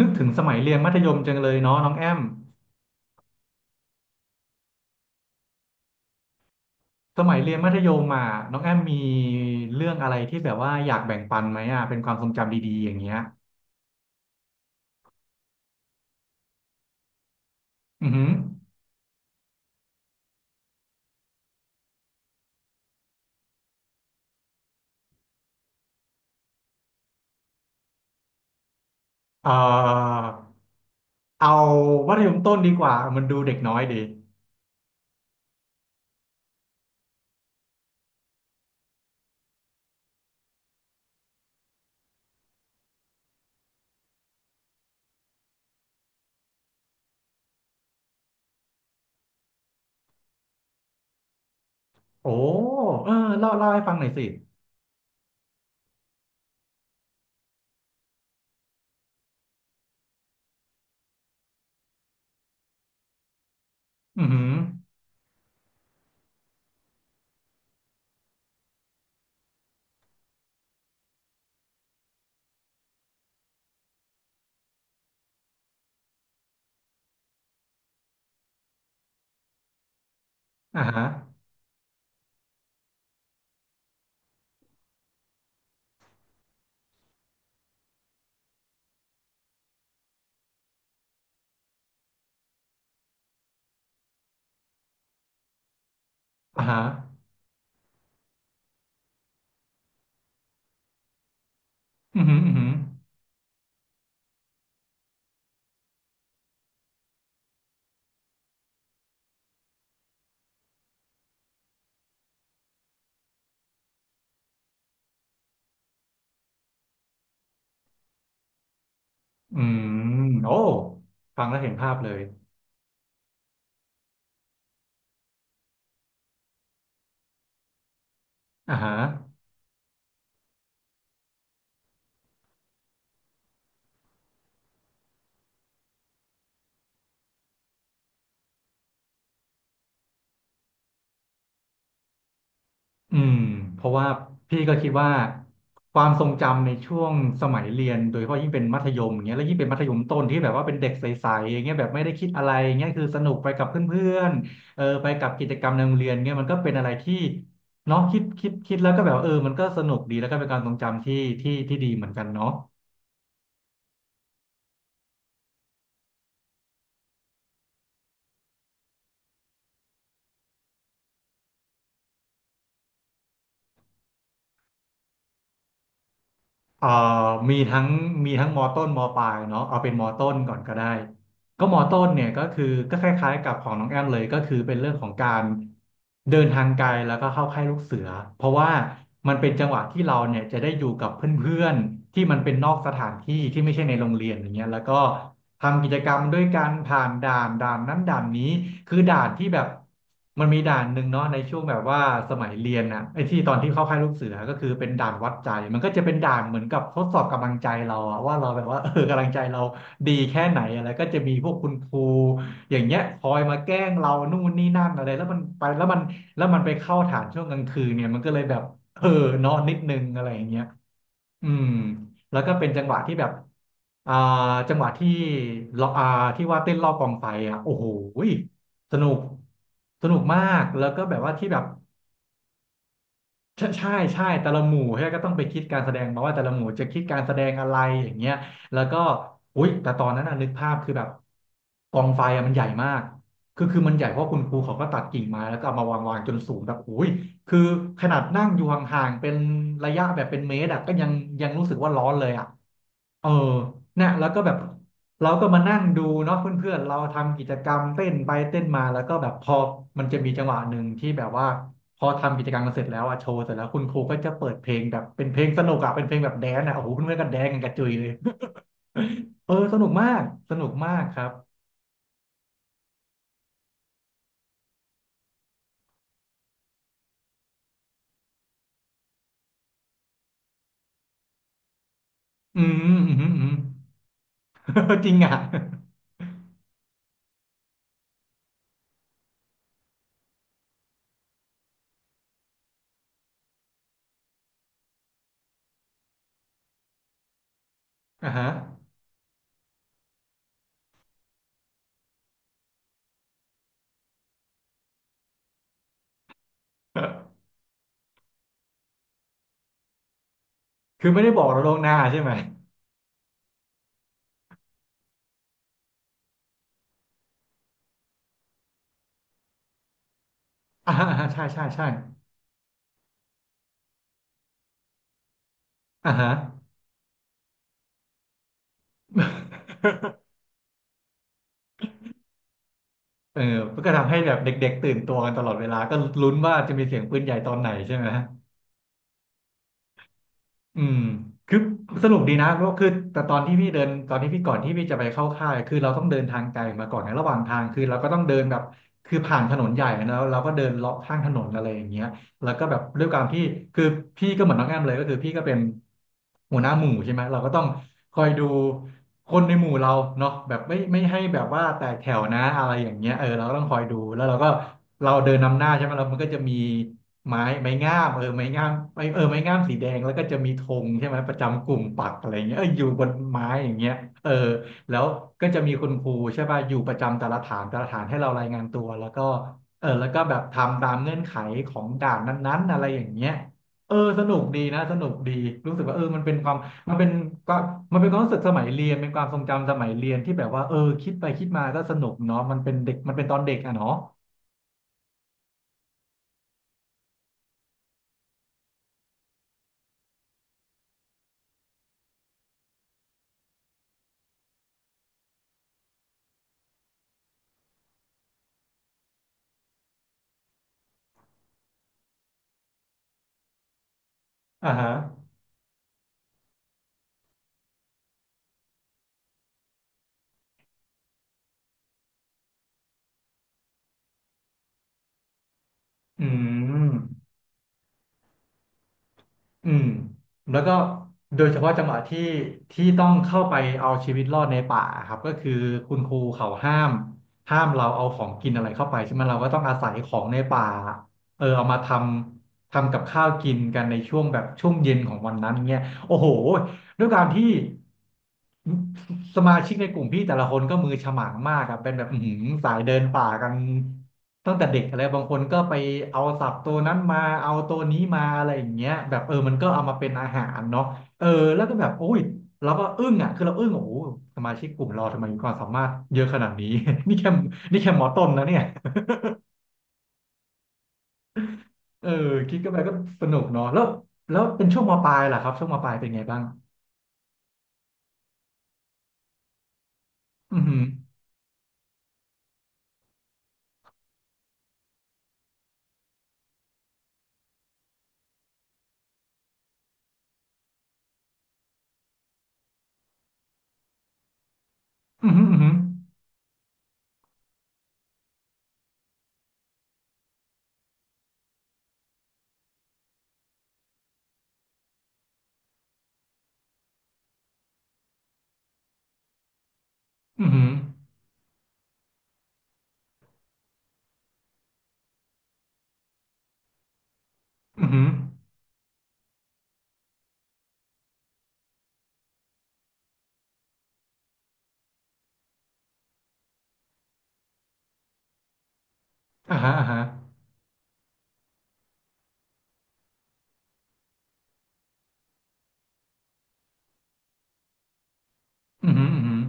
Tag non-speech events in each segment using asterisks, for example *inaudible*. นึกถึงสมัยเรียนมัธยมจังเลยเนาะน้องแอมสมัยเรียนมัธยมอ่ะน้องแอมมีเรื่องอะไรที่แบบว่าอยากแบ่งปันไหมอ่ะเป็นความทรงจำดีๆอย่างเงี้ยอือหือเอ่อเอามัธยมต้นดีกว่ามันดูเด็กน้อยดีโอ้เออเล่าให้ฟังหน่อยสิอือหืออ่าฮะอ่าฮะอือหืออือหืออืมโอ้ฟังแล้วเห็นภาพเลยอ่าฮะ อืมเพราะว่าพี่ก็คิดว่าความทรงจำในช่วงสมัยเรียนโดยเฉพาะยิ่งเป็นมัธยมอย่างเงี้ยแล้วยิ่งเป็นมัธยมต้นที่แบบว่าเป็นเด็กใสๆอย่างเงี้ยแบบไม่ได้คิดอะไรอย่างเงี้ยคือสนุกไปกับเพื่อนๆเออไปกับกิจกรรมในโรงเรียนเงี้ยมันก็เป็นอะไรที่เนาะคิดแล้วก็แบบว่าเออมันก็สนุกดีแล้วก็เป็นการทรงจำที่ที่ดีเหมือนกันเนาะ เอ่อมีทั้งมีทั้งมอต้นมอปลายเนาะเอาเป็นมอต้นก่อนก็ได้ก็มอต้นเนี่ยก็คือก็คล้ายๆกับของน้องแอมเลยก็คือเป็นเรื่องของการเดินทางไกลแล้วก็เข้าค่ายลูกเสือเพราะว่ามันเป็นจังหวะที่เราเนี่ยจะได้อยู่กับเพื่อนๆที่มันเป็นนอกสถานที่ที่ไม่ใช่ในโรงเรียนอย่างเงี้ยแล้วก็ทำกิจกรรมด้วยการผ่านด่านด่านนั้นด่านนี้คือด่านที่แบบ มันมีด่านหนึ่งเนาะในช่วงแบบว่าสมัยเรียนน่ะไอ้ที่ตอนที่เข้าค่ายลูกเสือก็คือเป็นด่านวัดใจมันก็จะเป็นด่านเหมือนกับทดสอบกำลังใจเราอะว่าเราแบบว่าเออกำลังใจเราดีแค่ไหนอะไรก็จะมีพวกคุณครูอย่างเงี้ยคอยมาแกล้งเรานู่นนี่นั่นอะไรแล้วมันไปแล้วมันแล้วมันไปเข้าฐานช่วงกลางคืนเนี่ยมันก็เลยแบบเออเนอนนิดนึงอะไรอย่างเงี้ยอืมแล้วก็เป็นจังหวะที่แบบอ่าจังหวะที่เราที่ว่าเต้นรอบกองไฟอ่ะโอ้โห สนุกสนุกมากแล้วก็แบบว่าที่แบบใช่ใช่ใช่แต่ละหมู่เฮ้ยก็ต้องไปคิดการแสดงมาว่าแต่ละหมู่จะคิดการแสดงอะไรอย่างเงี้ยแล้วก็อุ๊ยแต่ตอนนั้นน่ะนึกภาพคือแบบกองไฟอ่ะมันใหญ่มากคือมันใหญ่เพราะคุณครูเขาก็ตัดกิ่งไม้แล้วก็เอามาวางจนสูงแบบอุ้ยคือขนาดนั่งอยู่ห่างๆเป็นระยะแบบเป็นเมตรอะก็ยังรู้สึกว่าร้อนเลยอ่ะ เออเนี่ยแล้วก็แบบเราก็มานั่งดูเนาะเพื่อนๆเราทำกิจกรรมเต้นไปเต้นมาแล้วก็แบบพอมันจะมีจังหวะหนึ่งที่แบบว่าพอทำกิจกรรมกันเสร็จแล้วอะโชว์เสร็จแล้วคุณครูก็จะเปิดเพลงแบบเป็นเพลงสนุกอะเป็นเพลงแบบแดนซ์อะโอ้โหเพื่อนๆก็แดนซ์กันกระจุยเลย *laughs* เออสนุกมากสนุกมากครับอืมอืมอืม *laughs* อืม *laughs* จริงอะอ่าฮะ *laughs* คือไม่ได้บอกเราล่วงหน้าใช่ไหม *laughs* อ่าอ่าใช่ใช่ใช่อ่าฮะ *laughs* เออมันก็ทำให้แบบเด็กๆตื่นตัวกันตลอดเวลาก็ลุ้นว่าจะมีเสียงปืนใหญ่ตอนไหนใช่ไหม อืมคือสรุปดีนะเพราะคือแต่ตอนที่พี่เดินตอนที่พี่ก่อนที่พี่จะไปเข้าค่ายคือเราต้องเดินทางไกลมาก่อนในระหว่างทางคือเราก็ต้องเดินแบบคือผ่านถนนใหญ่แล้วเราก็เดินเลาะข้างถนนอะไรอย่างเงี้ยแล้วก็แบบด้วยความที่คือพี่ก็เหมือนน้องแอมเลยก็คือพี่ก็เป็นหัวหน้าหมู่ใช่ไหมเราก็ต้องคอยดูคนในหมู่เราเนาะแบบไม่ให้แบบว่าแตกแถวนะอะไรอย่างเงี้ยเออเราก็ต้องคอยดูแล้วเราก็เราเดินนำหน้าใช่ไหมแล้วมันก็จะมี ไม้ไม้งามเออไม้งามไม้เออไม้งามสีแดงแล้วก็จะมีธงใช่ไหมประจำกลุ่มปักอะไรเงี้ยเอออยู่บนไม้อย่างเงี้ยเออแล้วก็จะมีคุณครูใช่ป่ะอยู่ประจำแต่ละฐานแต่ละฐานให้เรารายงานตัวแล้วก็เออแล้วก็แบบทำตามเงื่อนไขของด่านนั้นๆอะไรอย่างเงี้ยเออสนุกดีนะสนุกดีรู้สึกว่าเออมันเป็นความมันเป็นก็มันเป็นความรู้สึกสมัยเรียนเป็นความทรงจำสมัยเรียนที่แบบว่าเออคิดไปคิดมาก็สนุกเนาะมันเป็นเด็กมันเป็นตอนเด็กอะเนาะอ่าฮะอืม อืมแล้วก็โดยเฉพาะจังหวะที่ต้องเข้าไปเอาชีวิตรอดในป่าครับก็คือคุณครูเขาห้ามเราเอาของกินอะไรเข้าไปใช่ไหมเราก็ต้องอาศัยของในป่าเออเอามาทำกับข้าวกินกันในช่วงแบบช่วงเย็นของวันนั้นเงี้ยโอ้โห ด้วยการที่สมาชิกในกลุ่มพี่แต่ละคนก็มือฉมังมากอะเป็นแบบอื้อหือสายเดินป่ากันตั้งแต่เด็กอะไรบางคนก็ไปเอาสับตัวนั้นมาเอาตัวนี้มาอะไรอย่างเงี้ยแบบเออมันก็เอามาเป็นอาหารเนาะเออแล้วก็แบบโอ้ยเราก็อึ้งอ่ะคือเราอึ้งโอ้โหสมาชิกกลุ่มเราทำไมมีความสามารถเยอะขนาดนี้ *laughs* นี่แค่หมอต้นนะเนี่ยเออคิดก็ไปก็สนุกเนาะแล้วเป็นช่วงมปลายล่ะครับช่วงมปลายเป็นไงบ้างอือหืออือหืออือหืออือหือ อือหืออ่าฮะอ่าฮะอือหืออือหือ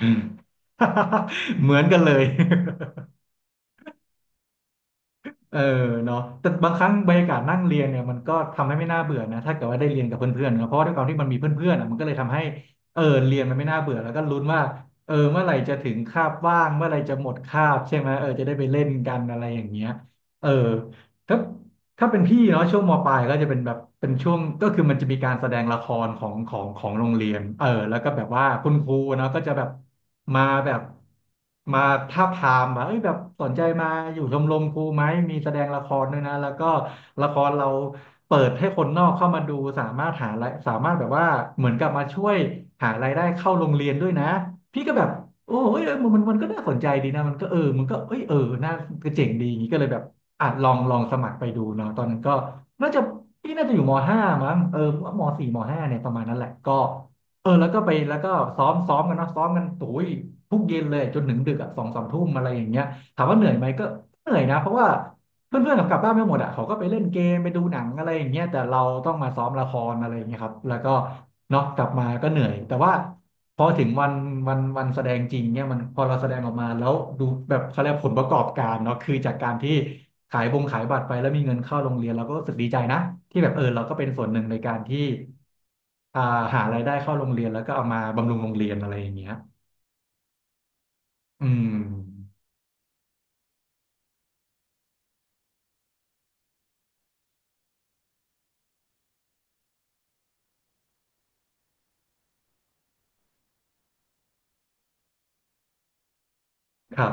อืม *laughs* เหมือนกันเลย *laughs* เออเนาะแต่บางครั้งบรรยากาศนั่งเรียนเนี่ยมันก็ทำให้ไม่น่าเบื่อนะถ้าเกิดว่าได้เรียนกับเพื่อนๆเนอะเพราะว่าด้วยความที่มันมีเพื่อนๆอ่ะมันก็เลยทำให้เออเรียนมันไม่น่าเบื่อแล้วก็ลุ้นว่าเออเมื่อไหร่จะถึงคาบว่างเมื่อไหร่จะหมดคาบใช่ไหมเออจะได้ไปเล่นกันอะไรอย่างเงี้ยเออถ้า เป็นพี่เนาะช่วงมปลายก็จะเป็นแบบเป็นช่วงก็คือมันจะมีการแสดงละครของโรงเรียนเออแล้วก็แบบว่าคุณครูเนาะก็จะแบบมามาทาบทามว่าเอ้ยแบบสนใจมาอยู่ชมรมครูไหมมีแสดงละครด้วยนะแล้วก็ละครเรา เปิดให้คนนอกเข้ามาดูสามารถหารายสามารถแบบว่าเหมือนกับมาช่วยหารายได้เข้าโรงเรียนด้วยนะพี่ก็แบบโอ้เอ้ยมันก็น่าสนใจดีนะมันก็เออมันก็เอ้ยเออน่าก็เจ๋งดีอย่างนี้ก็เลยแบบอ่ะลองสมัครไปดูเนาะตอนนั้นก็น่าจะพี่น่าจะอยู่มห้ามั้งเออมสี่มห้าเนี่ยประมาณนั้นแหละก็เออแล้วก็ไปแล้วก็ซ้อมกันเนาะซ้อมกันโุ้ยทุกเย็นเลยจนถึงดึกอ่ะสองสามทุ่มอะไรอย่างเงี้ยถามว่าเหนื่อยไหมก็เหนื่อยนะเพราะว่า เพื่อนๆเขากลับบ้านไม่หมดอ่ะเขาก็ไปเล่นเกมไปดูหนังอะไรอย่างเงี้ยแต่เราต้องมาซ้อมละครอะไรอย่างเงี้ยครับแล้วก็เนาะกลับมาก็เหนื่อยแต่ว่าพอถึงวันแสดงจริงเนี่ยมันพอเราแสดงออกมาแล้วดูแบบเขาเรียกผลประกอบการเนาะคือจากการที่ขายบงขายบัตรไปแล้วมีเงินเข้าโรงเรียนเราก็รู้สึกดีใจนะที่แบบเออเราก็เป็นส่วนหนึ่งในการที่อ่าหารายได้เข้าโรงเรียนแล้วก็เอามาบำรุงโรงเรียนอะไรอย่างเงี้ยอืมครับ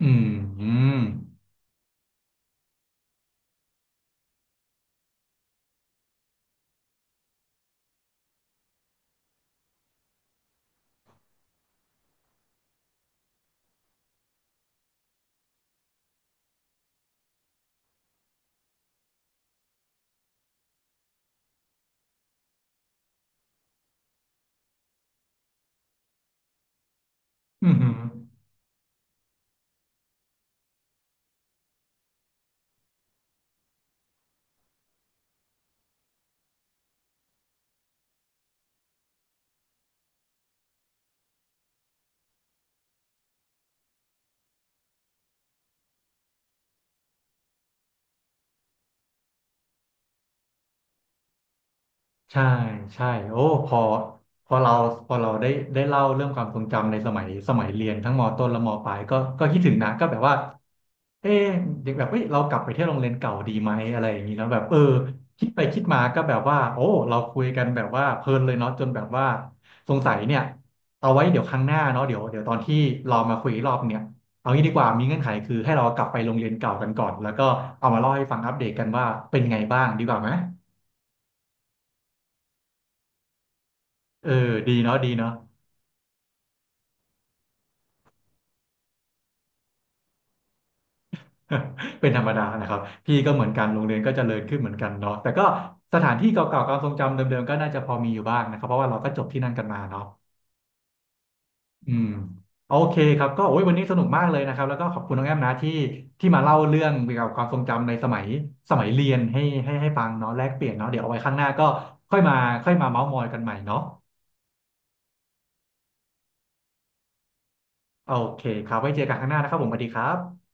อืมอืม ใช่ใช่โอ้พอพอเราพอเราได้เล่าเรื่องความทรงจำในสมัยเรียนทั้งมต้นและมปลายก็คิดถึงนะก็แบบว่าเอ๊ะเด็กแบบเอ้ยเรากลับไปเที่ยวโรงเรียนเก่าดีไหมอะไรอย่างนี้แล้วแบบเออคิดไปคิดมาก็แบบว่าโอ้เราคุยกันแบบว่าเพลินเลยเนาะจนแบบว่าสงสัยเนี่ยเอาไว้เดี๋ยวครั้งหน้าเนาะเดี๋ยวตอนที่เรามาคุยอีกรอบเนี่ยเอางี้ดีกว่ามีเงื่อนไขคือให้เรากลับไปโรงเรียนเก่ากันก่อนแล้วก็เอามาเล่าให้ฟังอัปเดตกันว่าเป็นไงบ้างดีกว่าไหมเออดีเนาะ*laughs* เป็นธรรมดานะครับพี่ก็เหมือนกันโรงเรียนก็เจริญขึ้นเหมือนกันเนาะแต่ก็สถานที่เก่าๆความทรงจำเดิมๆก็น่าจะพอมีอยู่บ้างนะครับเพราะว่าเราก็จบที่นั่นกันมาเนาะอืมโอเคครับก็โอ้ยวันนี้สนุกมากเลยนะครับแล้วก็ขอบคุณน้องแอมนะที่มาเล่าเรื่องเกี่ยวกับความทรงจำในสมัยเรียนให้ฟังเนาะแลกเปลี่ยนเนาะเดี๋ยวเอาไว้ข้างหน้าก็ค่อยมาเม้าท์มอยกันใหม่เนาะโอเคครับไว้เจอกันข้างหน้านะครับผมสวัสดีครับ